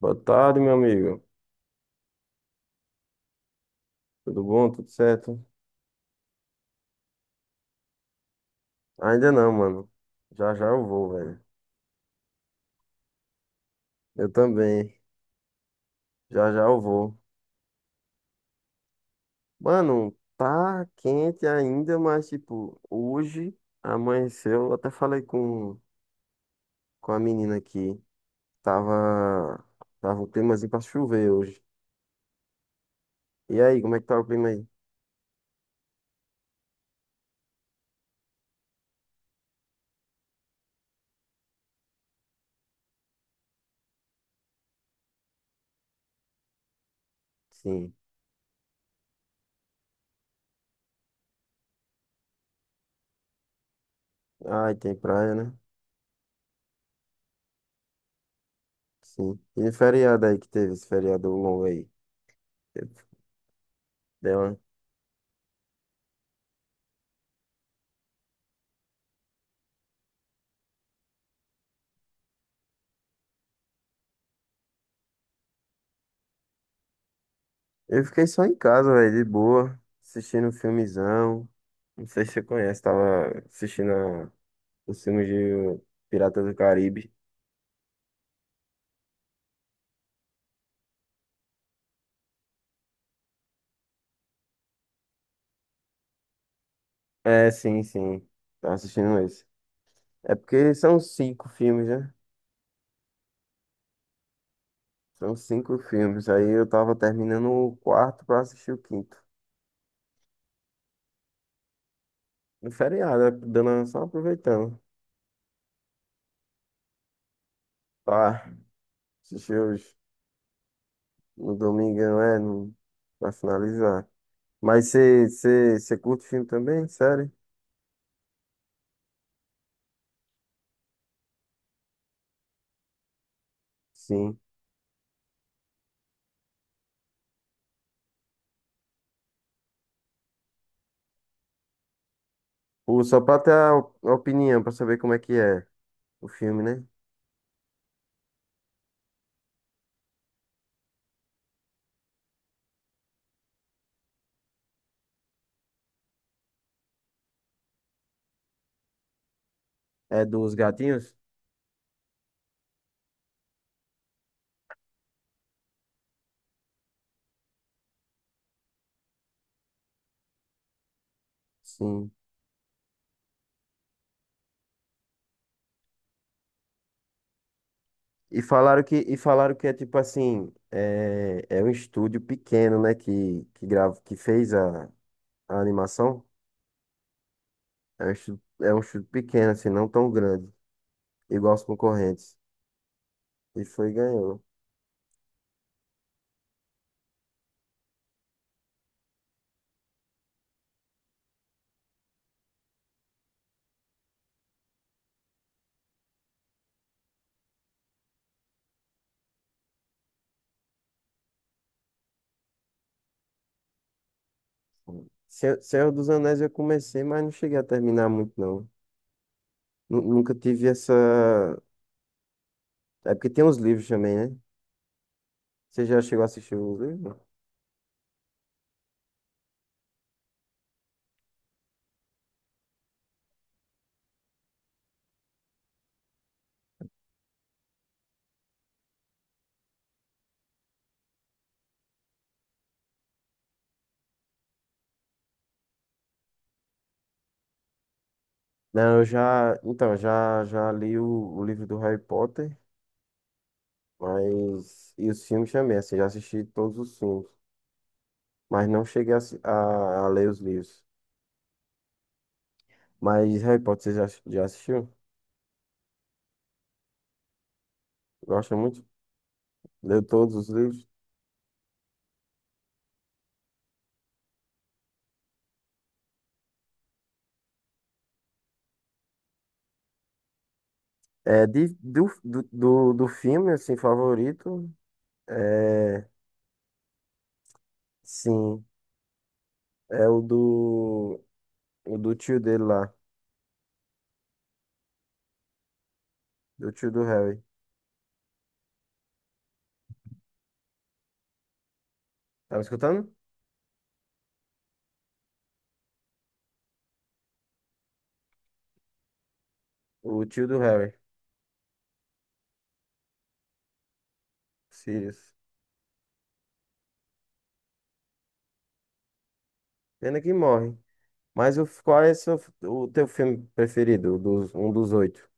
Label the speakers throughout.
Speaker 1: Boa tarde, meu amigo. Tudo bom? Tudo certo? Ainda não, mano. Já já eu vou, velho. Eu também. Já já eu vou. Mano, tá quente ainda, mas tipo, hoje amanheceu. Eu até falei com a menina aqui. Tava, tava um climazinho pra chover hoje. E aí, como é que tá o clima aí? Sim. Ai, tem praia, né? Sim. E feriado aí que teve, esse feriado longo aí? Deu uma Eu fiquei só em casa, velho, de boa, assistindo um filmezão. Não sei se você conhece, tava assistindo os filmes de Pirata do Caribe. É, sim, sim. Tava assistindo esse. É porque são cinco filmes, né? São cinco filmes. Aí eu tava terminando o quarto pra assistir o quinto. No feriado, né? Só aproveitando. Tá, assisti hoje. No domingão, é, no, pra finalizar. Mas você curte filme também? Sério? Sim. Só pra ter a opinião, pra saber como é que é o filme, né? É dos gatinhos? Sim. E falaram que é tipo assim, é um estúdio pequeno, né? Que que fez a animação. É um estúdio pequeno, assim, não tão grande, igual os concorrentes. E foi e ganhou. Se- Senhor dos Anéis eu comecei, mas não cheguei a terminar muito, não. Nu- Nunca tive essa. É porque tem uns livros também, né? Você já chegou a assistir os livros? Não, eu, então, já li o livro do Harry Potter, mas, e os filmes também, assim, já assisti todos os filmes, mas não cheguei a ler os livros. Mas Harry Potter, você já assistiu? Gosta muito? Leu todos os livros? É, de, do, do, do, do filme, assim, favorito, é, sim, é o do tio dele lá, do tio do Harry. Tá me escutando? O tio do Harry, Sirius. Pena que morre. Qual é o teu filme preferido? Um dos oito.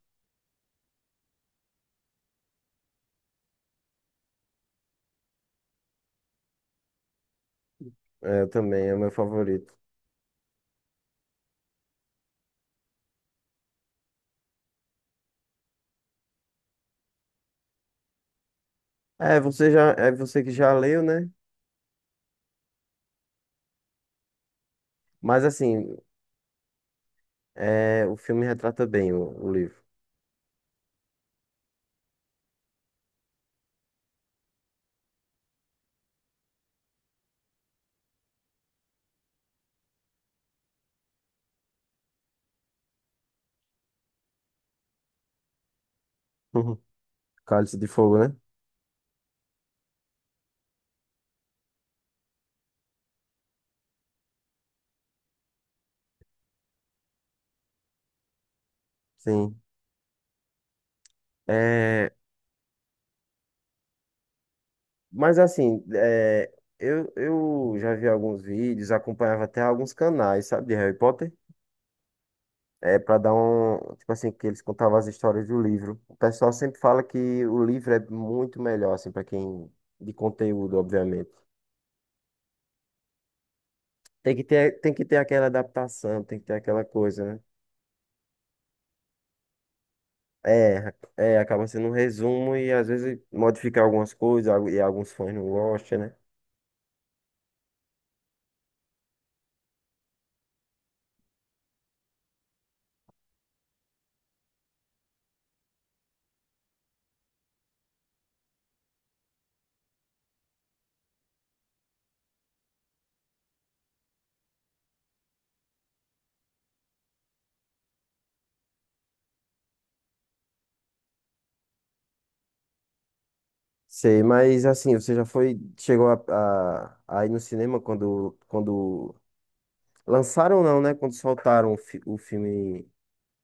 Speaker 1: É, eu também, é o meu favorito. É você que já leu, né? Mas assim, é, o filme retrata bem o livro. Uhum. Cálice de Fogo, né? Sim. É, mas assim, eu já vi alguns vídeos, acompanhava até alguns canais, sabe, de Harry Potter. É para dar um. Tipo assim, que eles contavam as histórias do livro. O pessoal sempre fala que o livro é muito melhor, assim, para quem. De conteúdo, obviamente. Tem que ter aquela adaptação, tem que ter aquela coisa, né? É, acaba sendo um resumo e às vezes modificar algumas coisas algu- e alguns fãs não gostam, né? Sei, mas assim, você já foi, chegou a ir no cinema quando lançaram não, né? Quando soltaram o filme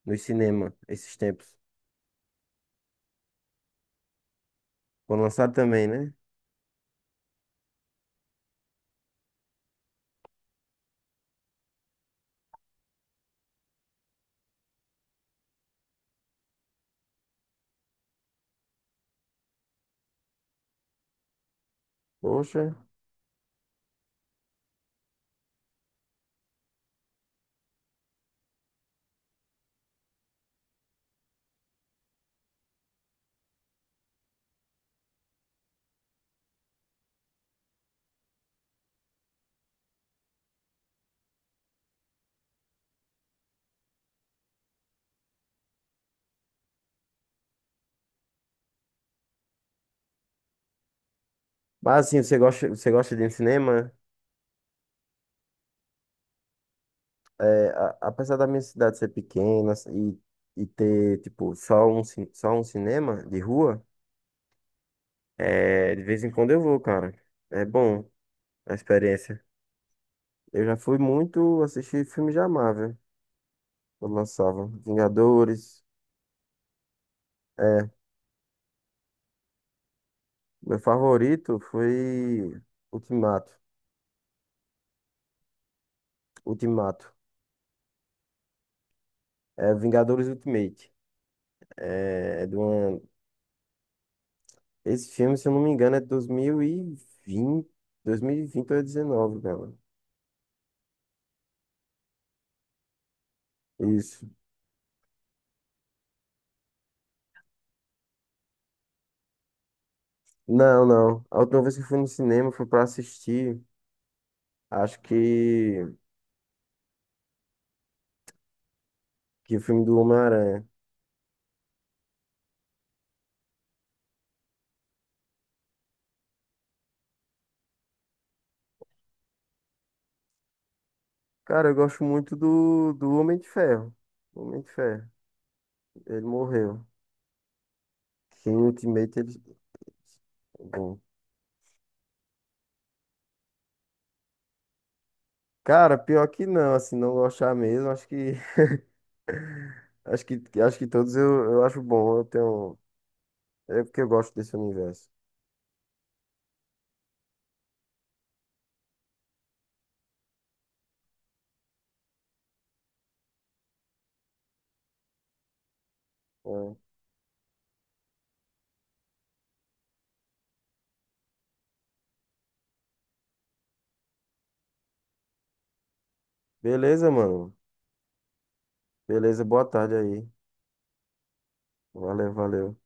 Speaker 1: no cinema esses tempos. Quando lançaram também, né? Poxa. Mas assim, você gosta de ir no cinema? É, apesar da minha cidade ser pequena e ter, tipo, só um cinema de rua, é, de vez em quando eu vou, cara. É bom a experiência. Eu já fui muito assistir filmes da Marvel, quando lançava. Vingadores. É, meu favorito foi Ultimato. Ultimato. É Vingadores Ultimate. É, é de uma, Esse filme, se eu não me engano, é vinte 2020 ou 19, galera. Isso. Não, não. A última vez que eu fui no cinema foi pra assistir, acho que o filme do Homem-Aranha. Cara, eu gosto muito do Homem de Ferro. Homem de Ferro. Ele morreu. Que em Ultimate ele. É bom. Cara, pior que não, assim, não gostar mesmo, acho que acho que todos eu acho bom, eu tenho é porque eu gosto desse universo. É. Beleza, mano. Beleza, boa tarde aí. Valeu, valeu.